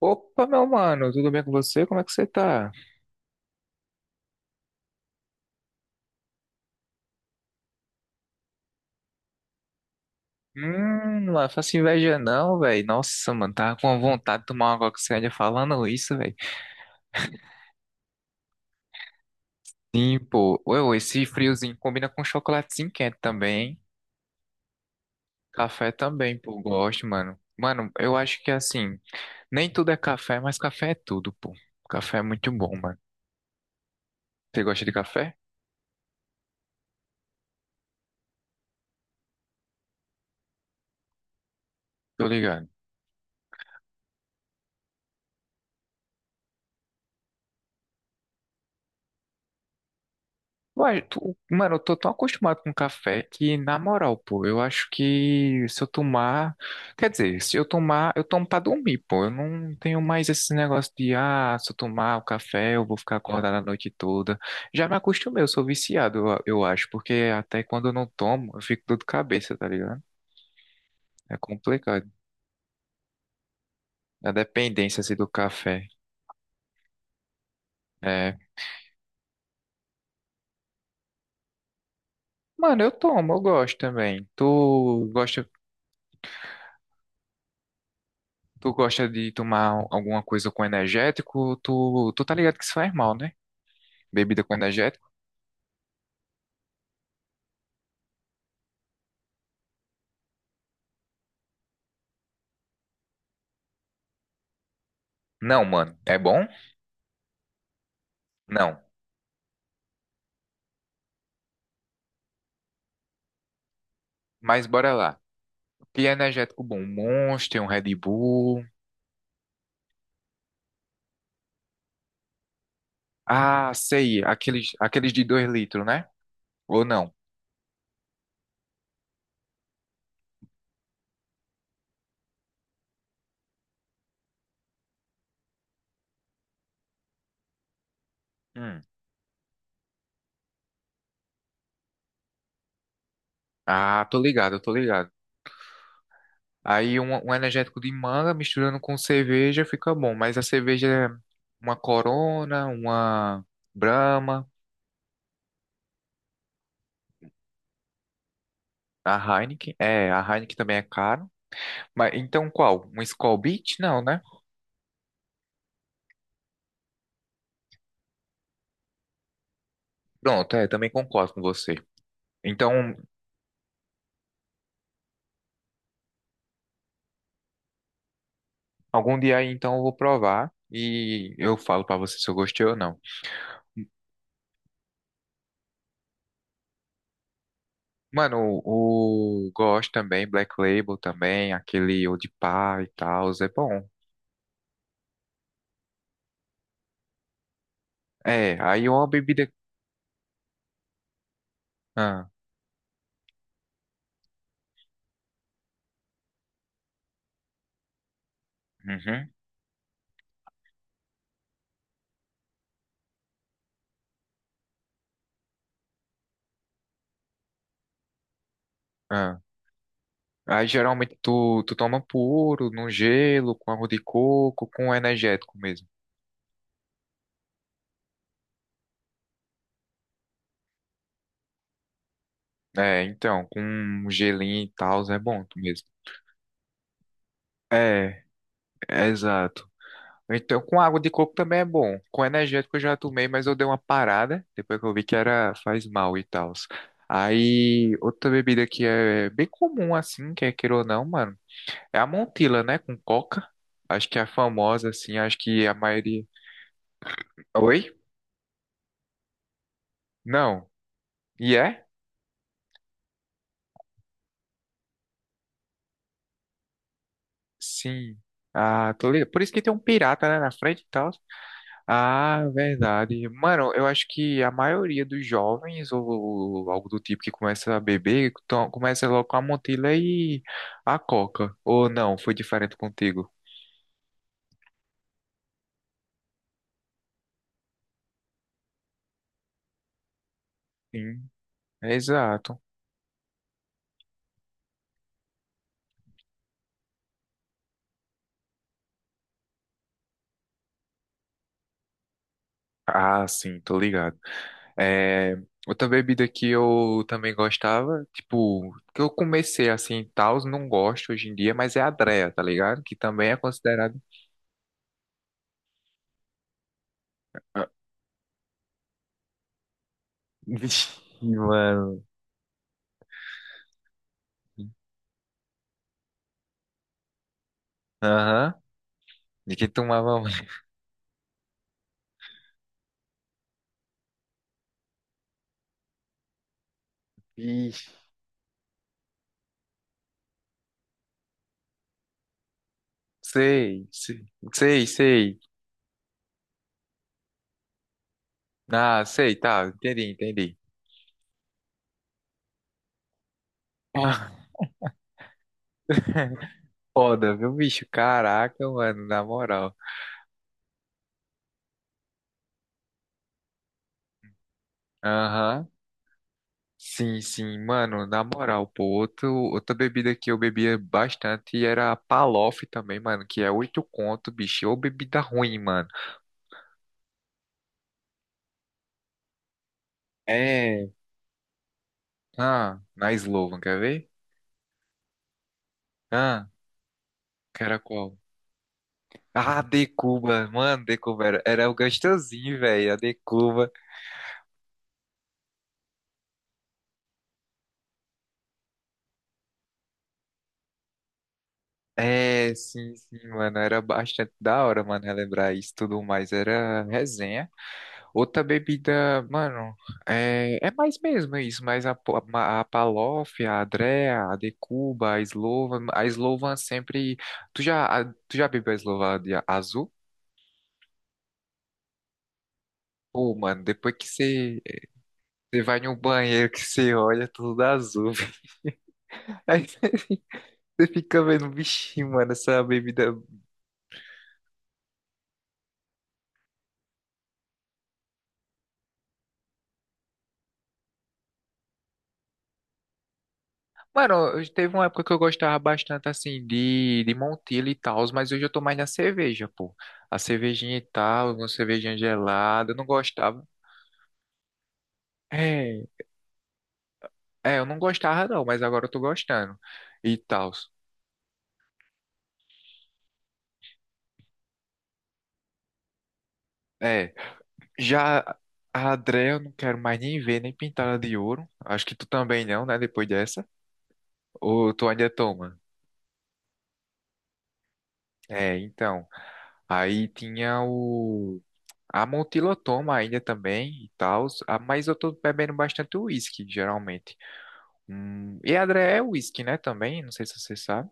Opa, meu mano, tudo bem com você? Como é que você tá? Não é faço inveja não, velho. Nossa, mano, tava com vontade de tomar uma coquinha falando isso, velho. Sim, pô. Ué, ué, esse friozinho combina com chocolatezinho quente também, hein? Café também, pô, gosto, mano. Mano, eu acho que assim, nem tudo é café, mas café é tudo, pô. Café é muito bom, mano. Você gosta de café? Tô ligado. Ué, mano, eu tô tão acostumado com café que, na moral, pô, eu acho que se eu tomar. Quer dizer, se eu tomar, eu tomo pra dormir, pô. Eu não tenho mais esse negócio de, se eu tomar o café, eu vou ficar acordado a noite toda. Já me acostumei, eu sou viciado, eu acho, porque até quando eu não tomo, eu fico dor de cabeça, tá ligado? É complicado. A dependência, assim, do café. É. Mano, eu tomo, eu gosto também. Tu gosta de tomar alguma coisa com energético? Tu tá ligado que isso faz mal, né? Bebida com energético? Não, mano. É bom? Não. Mas bora lá. Que energético bom? Um Monster, um Red Bull. Ah, sei. Aqueles de 2 litros, né? Ou não? Hum. Ah, tô ligado, tô ligado. Aí um energético de manga misturando com cerveja fica bom. Mas a cerveja é uma Corona, uma Brahma, a Heineken. É, a Heineken também é cara. Mas então qual? Um Skol Beats? Não, né? Pronto, é, também concordo com você. Então, algum dia aí, então eu vou provar e eu falo pra você se eu gostei ou não. Mano, o gosto também, Black Label também, aquele Old Pie e tal, é bom. É, aí uma bebida. Ah, uhum, ah. Aí geralmente tu toma puro, no gelo, com água de coco, com energético mesmo. É, então, com um gelinho e tal, é bom mesmo. É, exato. Então, com água de coco também é bom. Com energético eu já tomei, mas eu dei uma parada depois que eu vi que era faz mal e tal. Aí, outra bebida que é bem comum assim, quer queira ou não, mano, é a Montila, né, com coca. Acho que é a famosa assim, acho que a maioria. Oi? Não. E é? Sim. Ah, tô ligado. Por isso que tem um pirata, né, na frente e tal. Ah, verdade. Mano, eu acho que a maioria dos jovens ou, algo do tipo que começa a beber, começa logo com a Montila e a Coca. Ou não, foi diferente contigo? Sim, exato. Ah, sim, tô ligado. É, outra bebida que eu também gostava, tipo, que eu comecei assim, tals, não gosto hoje em dia, mas é a Dreia, tá ligado? Que também é considerado. Ah, Vixe, mano. Aham. De quem tomava. Sei, sei, sei, sei. Ah, sei, tá, entendi, entendi. Ah, foda, viu, bicho? Caraca, mano, na moral. Aham. Sim, sim, mano, na moral, pô, outra bebida que eu bebia bastante era a Palof também, mano, que é 8 conto, bicho, ou bebida ruim, mano. É, na Slovan, quer ver? Ah, que era qual? Ah, de Cuba, mano, de Cuba era o gostosinho, velho, a de Cuba. É, sim, sim, mano. Era bastante da hora, mano, relembrar isso e tudo mais. Era resenha. Outra bebida, mano, é mais mesmo isso, mas a Palof, a Adrea, a Decuba, a Slovan. A Slovan sempre. Tu já bebeu a Slovan de azul? Pô, mano, depois que você vai no banheiro que você olha tudo azul. Aí você fica vendo, bichinho, mano, essa bebida. Mano, teve uma época que eu gostava bastante, assim, de Montila e tal, mas hoje eu tô mais na cerveja, pô. A cervejinha e tal, uma cervejinha gelada, eu não gostava. É, é, eu não gostava não, mas agora eu tô gostando e tal. É, já a Andrea eu não quero mais nem ver, nem pintar ela de ouro. Acho que tu também não, né, depois dessa. Ou tu ainda toma? É, então, aí tinha o. A Montilotoma ainda também e tal, mas eu tô bebendo bastante uísque, geralmente. E Adré é uísque, né, também? Não sei se você sabe.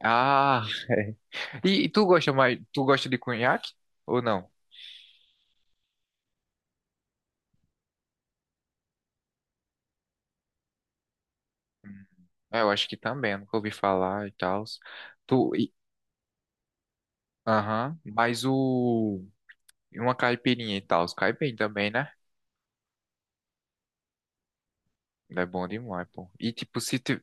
Ah, é. E tu gosta de conhaque ou não? Hum, é, eu acho que também, nunca ouvi falar e tal. Tu, e- aham, mas e uma caipirinha e tal, cai bem também, né? É bom demais, pô. E tipo, se, ti-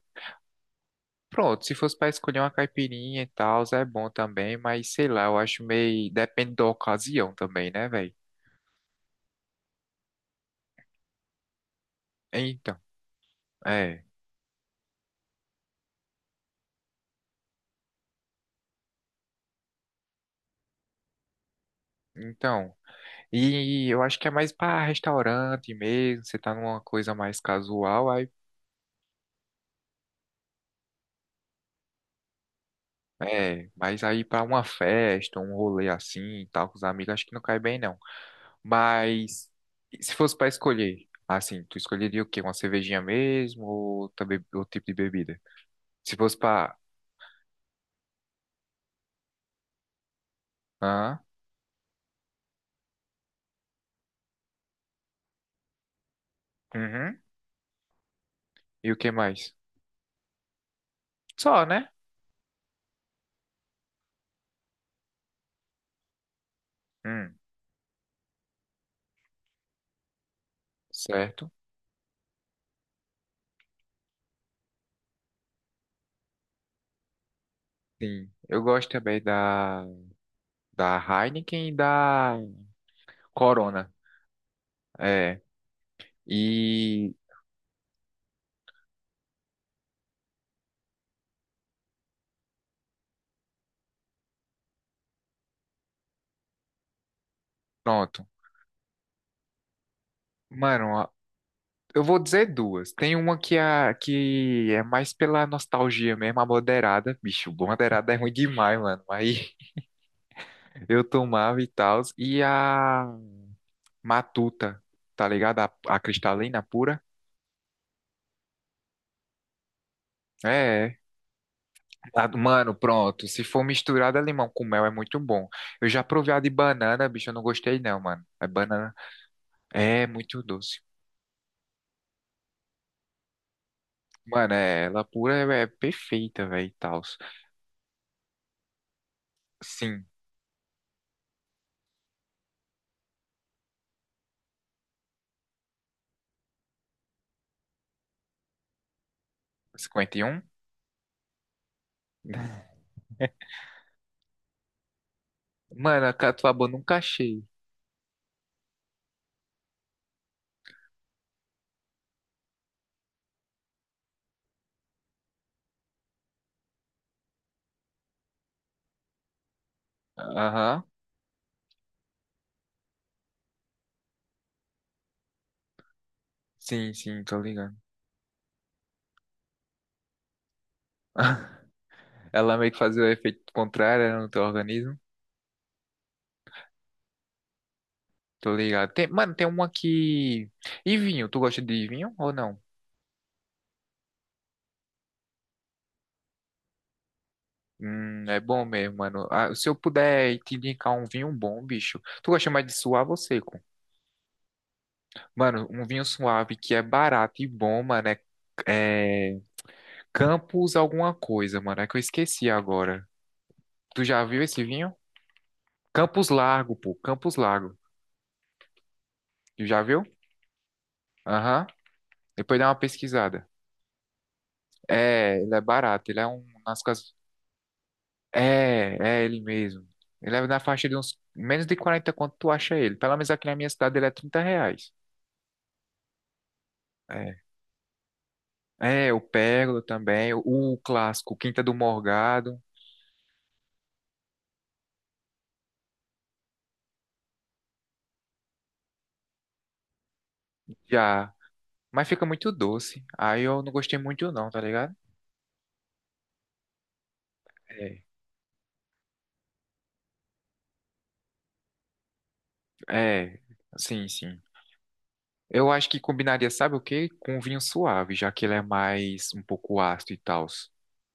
Pronto, se fosse para escolher uma caipirinha e tal, é bom também, mas sei lá, eu acho meio. Depende da ocasião também, né, velho? Então, é. Então. E eu acho que é mais para restaurante mesmo, você tá numa coisa mais casual, aí. É, mas aí para uma festa, um rolê assim e tal, com os amigos, acho que não cai bem, não. Mas. E se fosse para escolher, assim, tu escolheria o quê? Uma cervejinha mesmo ou também outro tipo de bebida? Se fosse para. Hã? Uhum. E o que mais? Só, né? Hum, certo. Sim. Eu gosto também da Heineken e da Corona. É. E pronto. Mano, eu vou dizer duas. Tem uma que é mais pela nostalgia mesmo, a moderada. Bicho, moderada é ruim demais, mano. Aí eu tomava e tal. E a Matuta, tá ligado? A cristalina pura. É. É. Ah, mano, pronto. Se for misturada limão com mel, é muito bom. Eu já provei a de banana, bicho, eu não gostei não, mano. É banana. É muito doce. Mano, é, ela pura é perfeita, velho, e tal. Sim, 51? Mano, a catuaba eu nunca achei. Aham. Sim, sim, tô ligado. Ela meio que fazia o efeito contrário né, no teu organismo. Tô ligado. Tem, mano, tem uma que. E vinho? Tu gosta de vinho ou não? É bom mesmo, mano. Ah, se eu puder te indicar um vinho bom, bicho. Tu gosta mais de suave ou seco? Mano, um vinho suave que é barato e bom, mano, é Campos alguma coisa, mano. É que eu esqueci agora. Tu já viu esse vinho? Campos Largo, pô. Campos Largo. Tu já viu? Aham. Depois dá uma pesquisada. É, ele é barato. Ele é um. Nas casas. É, é ele mesmo. Ele é na faixa de uns, menos de 40. Quanto tu acha ele? Pelo menos aqui na minha cidade ele é R$ 30. É, é, o Pérola também, o clássico, Quinta do Morgado, já. Mas fica muito doce. Aí eu não gostei muito não, tá ligado? É. É, sim, sim. Eu acho que combinaria, sabe o quê? Com vinho suave, já que ele é mais um pouco ácido e tal,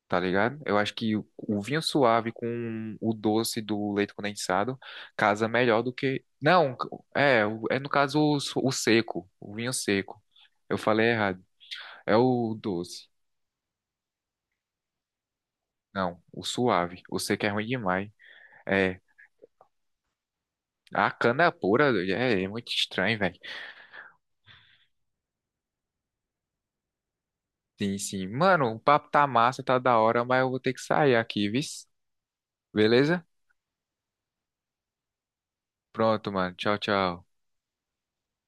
tá ligado? Eu acho que o vinho suave com o doce do leite condensado casa melhor do que. Não, é no caso o seco, o vinho seco. Eu falei errado. É o doce. Não, o suave. O seco é ruim demais. É. A cana pura é muito estranho, velho. Sim, sim. Mano, o papo tá massa, tá da hora, mas eu vou ter que sair aqui, viu? Beleza? Pronto, mano. Tchau, tchau.